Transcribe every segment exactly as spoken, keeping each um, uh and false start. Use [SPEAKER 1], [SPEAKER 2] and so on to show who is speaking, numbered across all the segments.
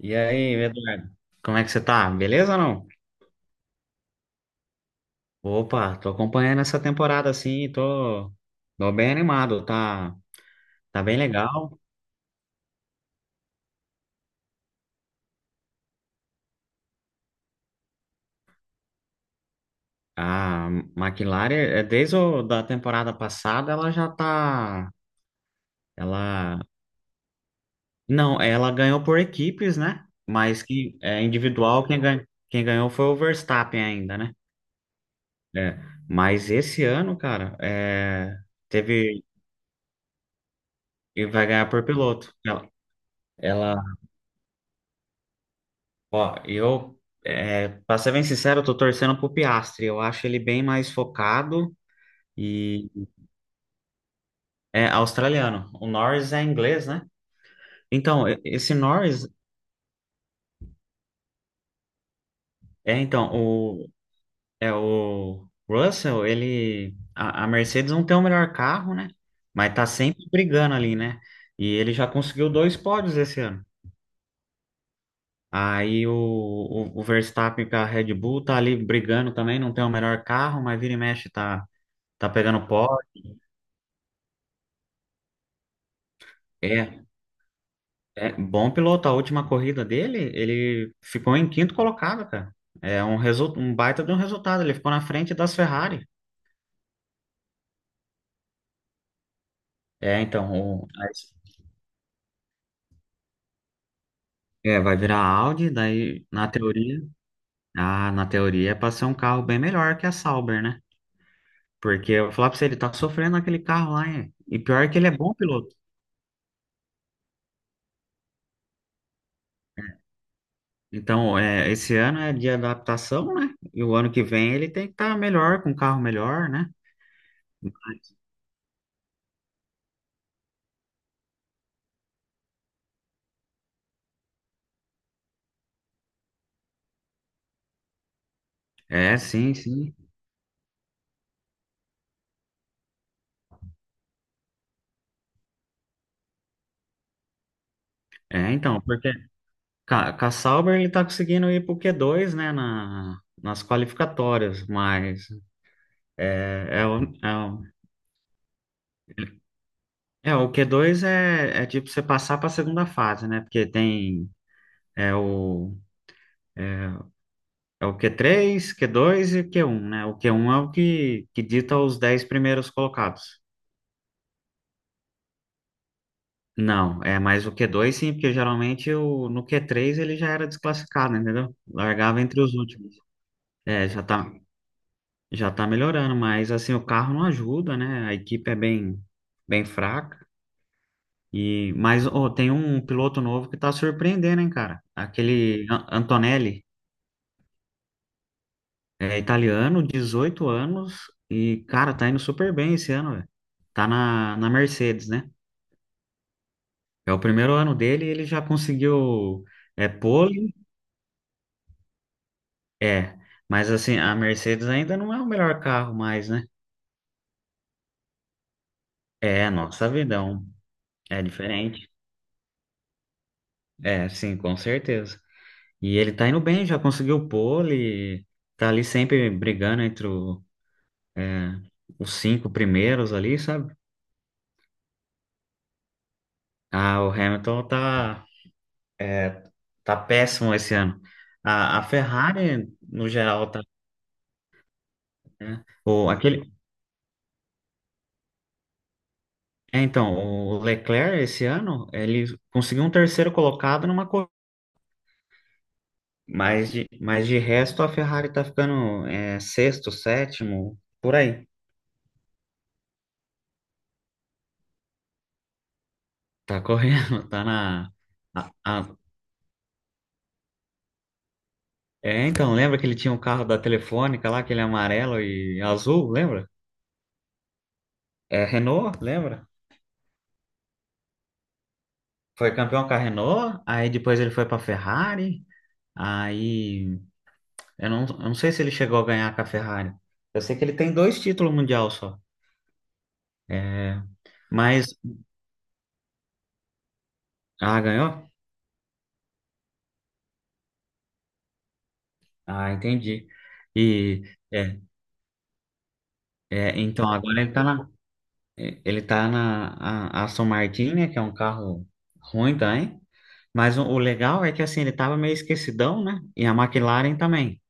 [SPEAKER 1] E aí, Eduardo? Como é que você tá? Beleza ou não? Opa, tô acompanhando essa temporada assim, tô, tô bem animado, tá, tá bem legal. A McLaren, é, desde o, da temporada passada, ela já tá, ela, não, ela ganhou por equipes, né? Mas que é individual, quem ganhou, quem ganhou foi o Verstappen ainda, né? É, mas esse ano, cara, é, teve, e vai ganhar por piloto. Ela, ela Ó, eu, é, pra ser bem sincero, eu tô torcendo pro Piastri. Eu acho ele bem mais focado e é australiano. O Norris é inglês, né? Então, e- esse Norris, é então, o, é o Russell, ele, a, a Mercedes não tem o melhor carro, né? Mas tá sempre brigando ali, né? E ele já conseguiu dois pódios esse ano. Aí o, o, o Verstappen com a Red Bull tá ali brigando também, não tem o melhor carro, mas vira e mexe tá, tá pegando pódio. é É bom piloto. A última corrida dele, ele ficou em quinto colocado, cara. É um, resu... um baita de um resultado. Ele ficou na frente das Ferrari. É, então, o... é, vai virar Audi, daí na teoria, ah, na teoria é para ser um carro bem melhor que a Sauber, né? Porque eu vou falar pra você, ele tá sofrendo aquele carro lá, hein? E pior que ele é bom piloto. Então, é, esse ano é de adaptação, né? E o ano que vem ele tem que estar melhor, com um carro melhor, né? É, sim, sim. É, então, porque Ca Ca- Sauber ele tá conseguindo ir pro Q dois, né, na, nas qualificatórias, mas é, é, o, é, o, é, o Q dois é, é tipo você passar para a segunda fase, né, porque tem é o, é é o Q três, Q dois e Q um, né, o Q um é o que, que dita os dez primeiros colocados. Não, é mais o Q dois sim, porque geralmente o, no Q três ele já era desclassificado, entendeu? Largava entre os últimos. É, já tá, Já tá melhorando, mas assim, o carro não ajuda, né? A equipe é bem, bem fraca. E, mas ó, tem um piloto novo que tá surpreendendo, hein, cara? Aquele An- Antonelli, é italiano, dezoito anos, e, cara, tá indo super bem esse ano, velho. Tá na, na Mercedes, né? É o primeiro ano dele e ele já conseguiu é, pole, é. Mas assim, a Mercedes ainda não é o melhor carro mais, né? É, nossa vida, é um- é diferente. É, sim, com certeza. E ele tá indo bem, já conseguiu pole, tá ali sempre brigando entre o, é, os cinco primeiros ali, sabe? Ah, o Hamilton tá, é, tá péssimo esse ano. A, a Ferrari, no geral, tá. né? O, aquele, é, então, o Leclerc, esse ano, ele conseguiu um terceiro colocado numa corrida. Mas de, mas de resto, a Ferrari tá ficando é, sexto, sétimo, por aí. Tá correndo, tá na. a- a- É, então, lembra que ele tinha um carro da Telefônica lá, aquele amarelo e azul, lembra? É, Renault, lembra? Foi campeão com a Renault, aí depois ele foi pra Ferrari, aí eu não, eu não sei se ele chegou a ganhar com a Ferrari. Eu sei que ele tem dois títulos mundial só. É, mas, ah, ganhou? Ah, entendi. E, é, é, então, agora ele tá na, ele tá na a- Aston Martin, né, que é um carro ruim também. Mas o, o legal é que assim, ele estava meio esquecidão, né? E a McLaren também.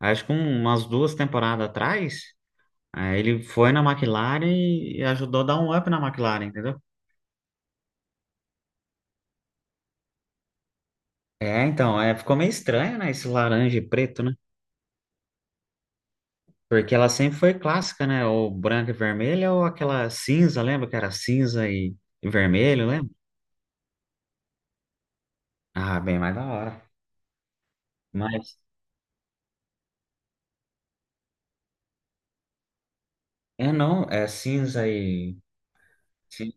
[SPEAKER 1] Acho que um- umas duas temporadas atrás, aí ele foi na McLaren e, e ajudou a dar um up na McLaren, entendeu? É, então, é, ficou meio estranho, né? Esse laranja e preto, né? Porque ela sempre foi clássica, né? Ou branca e vermelha, ou aquela cinza, lembra que era cinza e, e vermelho, lembra? Ah, bem mais da hora. Mas, é não, é cinza e. cin-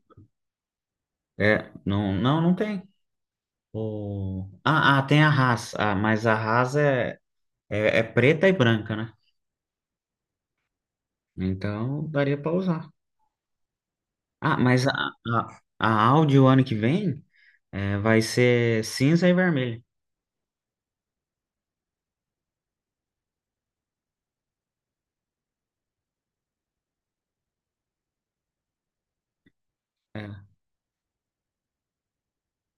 [SPEAKER 1] É, não, não, não tem. O... Ah, ah, tem a Haas, ah, mas a Haas é, é, é preta e branca, né? Então daria para usar. Ah, mas a, a, a Audi o ano que vem é, vai ser cinza e vermelho. É.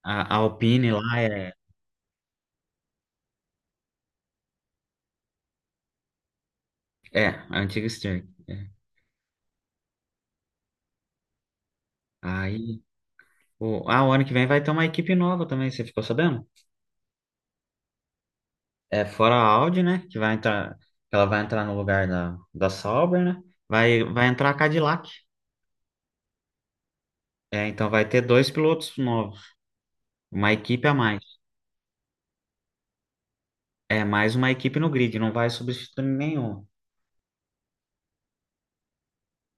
[SPEAKER 1] A, a Alpine lá é, é a antiga Stern. É. Aí, o, ah, o ano que vem vai ter uma equipe nova também, você ficou sabendo? É fora a Audi, né? Que vai entrar, que ela vai entrar no lugar da, da Sauber, né? Vai, vai entrar a Cadillac. É, então vai ter dois pilotos novos, uma equipe a mais. É mais uma equipe no grid, não vai substituir nenhum.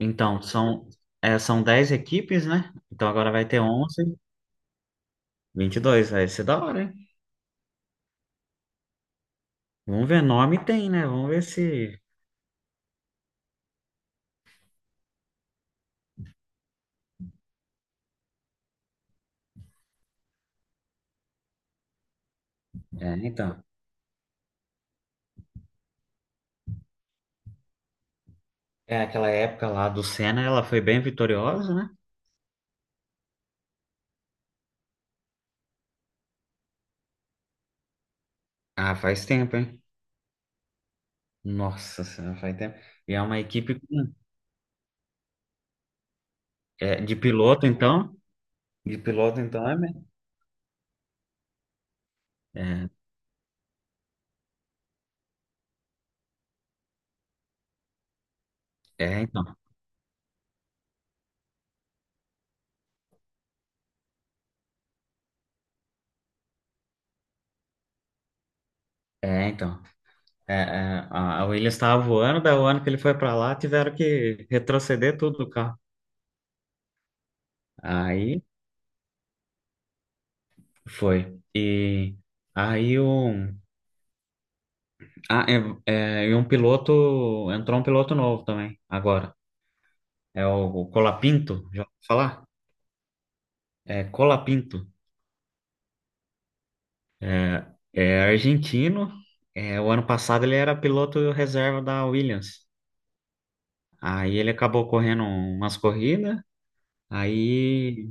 [SPEAKER 1] Então, são, é, são dez equipes, né? Então agora vai ter onze, vinte e dois. Vai ser da hora, hein? Vamos ver, nome tem, né? Vamos ver se. É, então. É aquela época lá do Senna, ela foi bem vitoriosa, né? Ah, faz tempo, hein? Nossa Senhora, faz tempo. E é uma equipe com- é, de piloto, então. De piloto, então, é mesmo. É, é, então. É, então. É, é, a a Williams estava voando, daí o ano que ele foi para lá, tiveram que retroceder tudo do carro. Aí foi. E aí um, ah, é, é, e um piloto, entrou um piloto novo também, agora. É o, o Colapinto, já ouviu falar? É Colapinto. É, é argentino. É, o ano passado ele era piloto reserva da Williams. Aí ele acabou correndo umas corridas. Aí,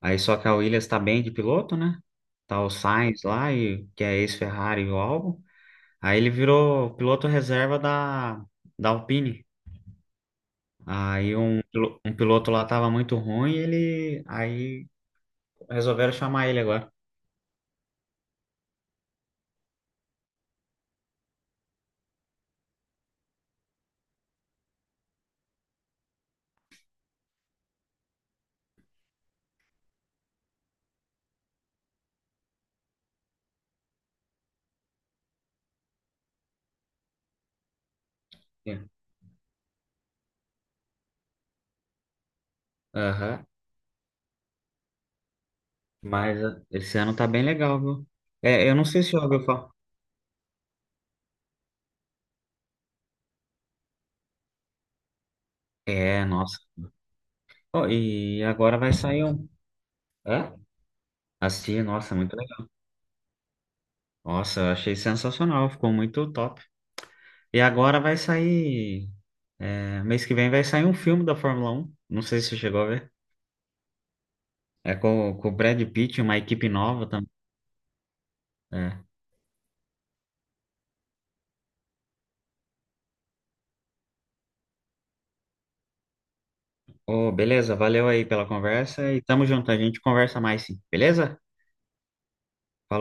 [SPEAKER 1] aí só que a Williams tá bem de piloto, né? Tá o Sainz lá, e, que é ex-Ferrari e o Albon. Aí ele virou piloto reserva da, da Alpine. Aí um, pilo- um piloto lá tava muito ruim, ele aí resolveram chamar ele agora. É. Aham. Mas eh, esse ano tá bem legal, viu? É, eu não sei se já ouviu falar. É, nossa. Ó, e agora vai sair um. Hã? Assisti, nossa, muito legal. Nossa, eu achei sensacional, ficou muito top. E agora vai sair. é, mês que vem vai sair um filme da Fórmula Um. Não sei se você chegou a ver. É com, com o Brad Pitt, uma equipe nova também. Ô, beleza, valeu aí pela conversa e tamo junto, a gente conversa mais sim, beleza?